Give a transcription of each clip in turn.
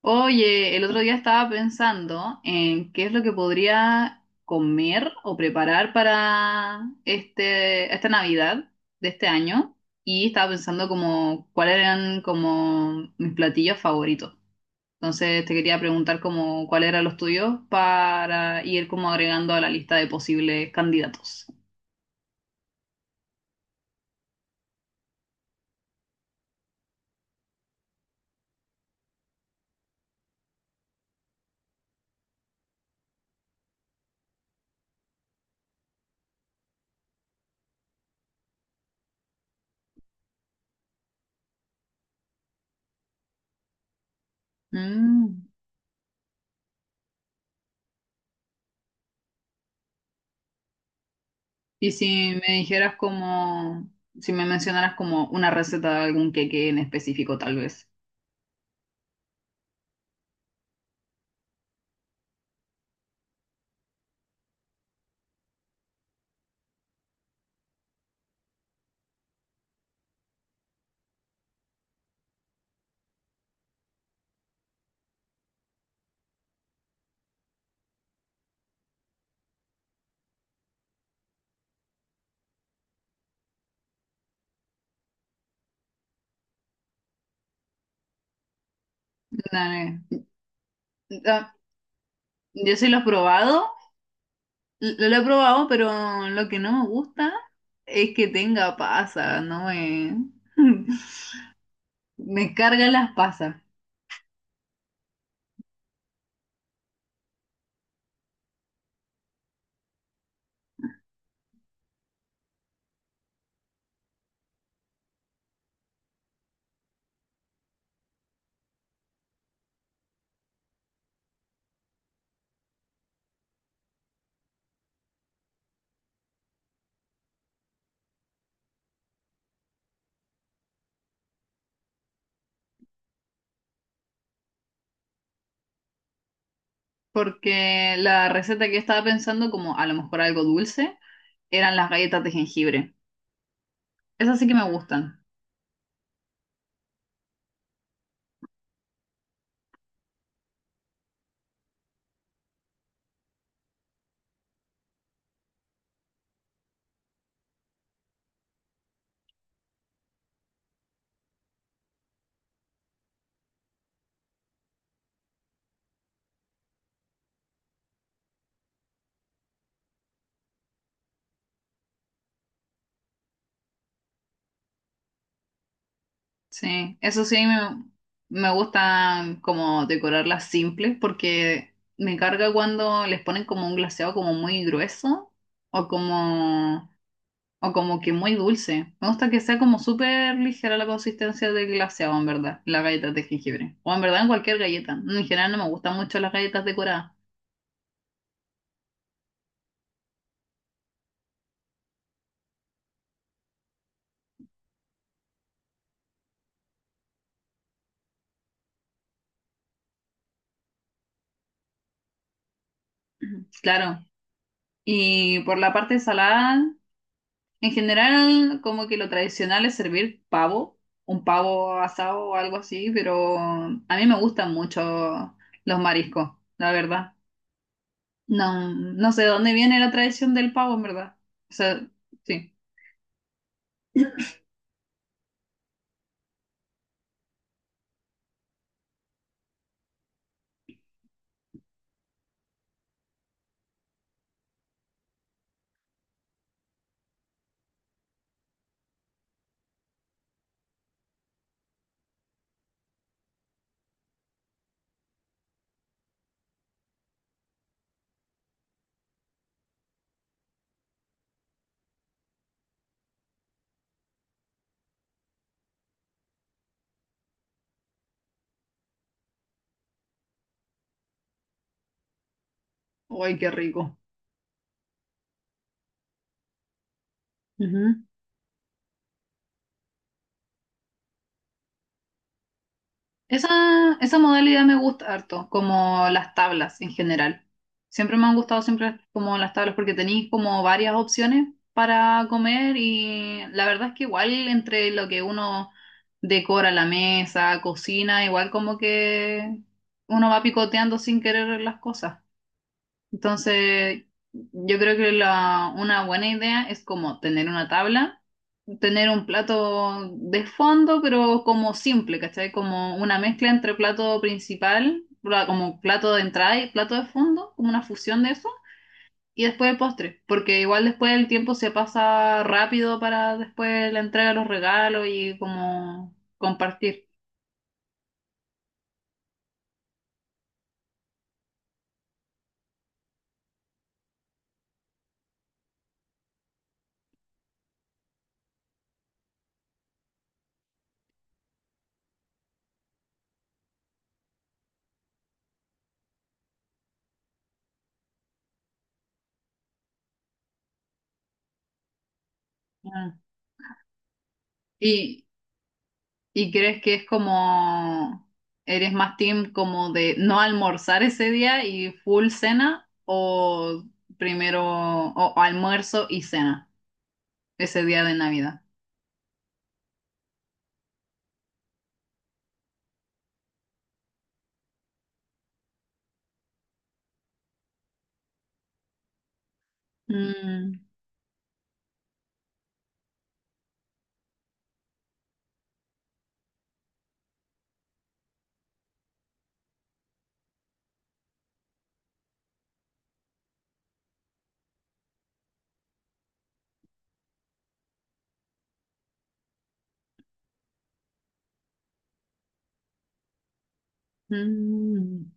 Oye, el otro día estaba pensando en qué es lo que podría comer o preparar para esta Navidad de este año, y estaba pensando como cuáles eran como mis platillos favoritos. Entonces te quería preguntar como cuáles eran los tuyos para ir como agregando a la lista de posibles candidatos. Mm. Y si me dijeras como, si me mencionaras como una receta de algún queque en específico, tal vez. Dale. Ah, yo sí lo he probado, lo he probado, pero lo que no me gusta es que tenga pasas, no me... Me cargan las pasas, porque la receta que yo estaba pensando, como a lo mejor algo dulce, eran las galletas de jengibre. Esas sí que me gustan, sí. Eso sí me gustan como decorarlas simples, porque me carga cuando les ponen como un glaseado como muy grueso o como, o como que muy dulce. Me gusta que sea como súper ligera la consistencia del glaseado, en verdad, las galletas de jengibre. O en verdad en cualquier galleta. En general no me gustan mucho las galletas decoradas. Ujú. Claro. Y por la parte salada, en general como que lo tradicional es servir pavo, un pavo asado o algo así, pero a mí me gustan mucho los mariscos, la verdad. No sé de dónde viene la tradición del pavo, en verdad. O sea, sí. Uy, qué rico. Ujú. Esa modalidad me gusta harto, como las tablas en general. Siempre me han gustado siempre como las tablas porque tenéis como varias opciones para comer, y la verdad es que igual entre lo que uno decora la mesa, cocina, igual como que uno va picoteando sin querer las cosas. Entonces, yo creo que una buena idea es como tener una tabla, tener un plato de fondo, pero como simple, ¿cachai? Como una mezcla entre plato principal, como plato de entrada y plato de fondo, como una fusión de eso, y después el postre, porque igual después el tiempo se pasa rápido para después la entrega de los regalos y como compartir. Mm. Y, ¿y crees que es como, eres más team como de no almorzar ese día y full cena, o primero o almuerzo y cena ese día de Navidad? Mm, mm.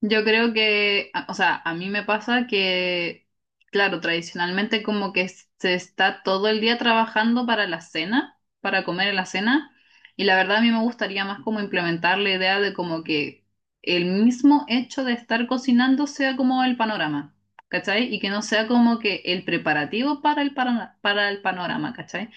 Yo creo que, o sea, a mí me pasa que, claro, tradicionalmente como que se está todo el día trabajando para la cena, para comer en la cena, y la verdad a mí me gustaría más como implementar la idea de como que el mismo hecho de estar cocinando sea como el panorama, ¿cachai? Y que no sea como que el preparativo para para el panorama, ¿cachai?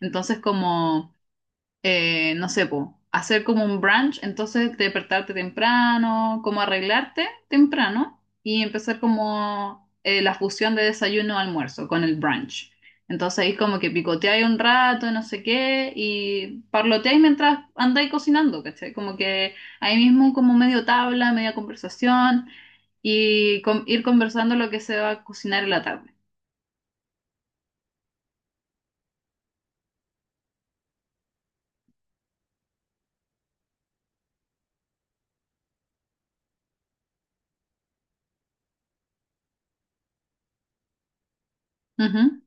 Entonces como no sé, po, hacer como un brunch, entonces despertarte temprano, como arreglarte temprano y empezar como la fusión de desayuno-almuerzo con el brunch. Entonces ahí como que picoteáis un rato, no sé qué, y parloteáis mientras andáis cocinando, ¿cachai? Como que ahí mismo como medio tabla, media conversación y ir conversando lo que se va a cocinar en la tarde. Ujú.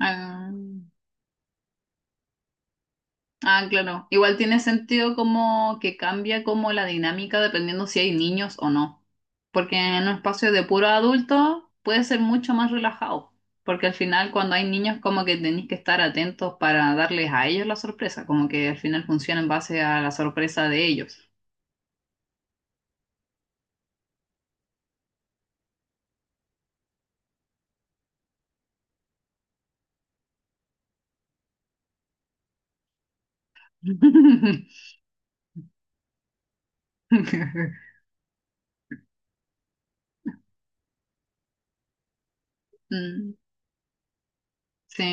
Ah, ah, claro. Igual tiene sentido como que cambia como la dinámica dependiendo si hay niños o no. Porque en un espacio de puro adulto puede ser mucho más relajado. Porque al final cuando hay niños como que tenéis que estar atentos para darles a ellos la sorpresa. Como que al final funciona en base a la sorpresa de ellos. Mm, sí,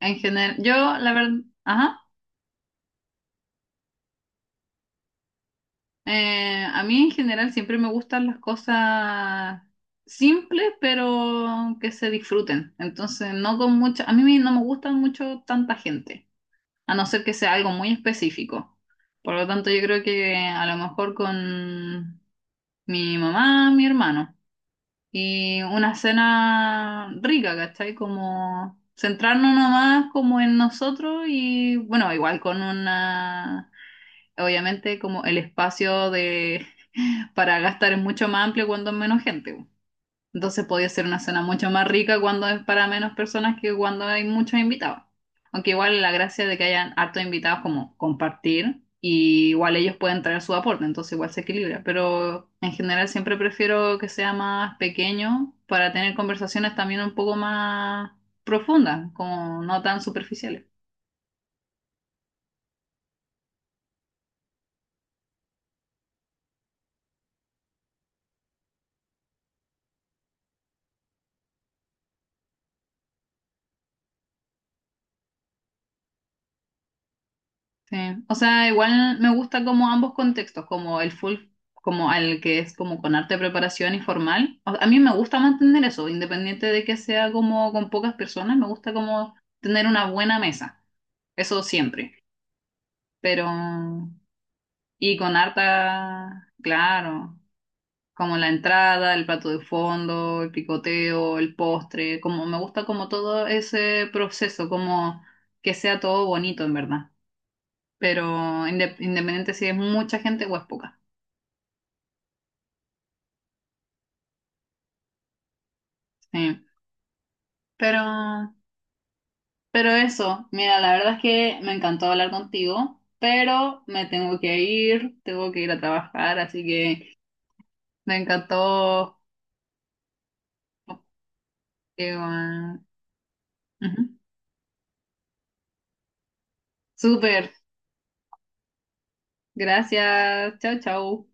en general. Yo la verdad... Ajá. A mí en general siempre me gustan las cosas simples, pero que se disfruten. Entonces, no con mucha, a mí no me gustan mucho tanta gente, a no ser que sea algo muy específico. Por lo tanto, yo creo que a lo mejor con mi mamá, mi hermano, y una cena rica, ¿cachai? Como centrarnos nomás como en nosotros y bueno, igual con una, obviamente como el espacio de para gastar es mucho más amplio cuando es menos gente. Po. Entonces podía ser una cena mucho más rica cuando es para menos personas que cuando hay muchos invitados. Aunque igual la gracia de que hayan hartos invitados, como compartir y igual ellos pueden traer su aporte, entonces igual se equilibra. Pero en general siempre prefiero que sea más pequeño para tener conversaciones también un poco más profundas, como no tan superficiales. Sí, o sea, igual me gusta como ambos contextos, como el full, como al que es como con arte de preparación y formal. A mí me gusta mantener eso, independiente de que sea como con pocas personas, me gusta como tener una buena mesa, eso siempre. Pero, y con harta, claro, como la entrada, el plato de fondo, el picoteo, el postre, como me gusta como todo ese proceso, como que sea todo bonito en verdad, pero independiente si es mucha gente o es poca. Sí. Pero, pero eso, mira, la verdad es que me encantó hablar contigo, pero me tengo que ir a trabajar, así que me encantó. Que, bueno, ujú. Súper, gracias, chao, chao.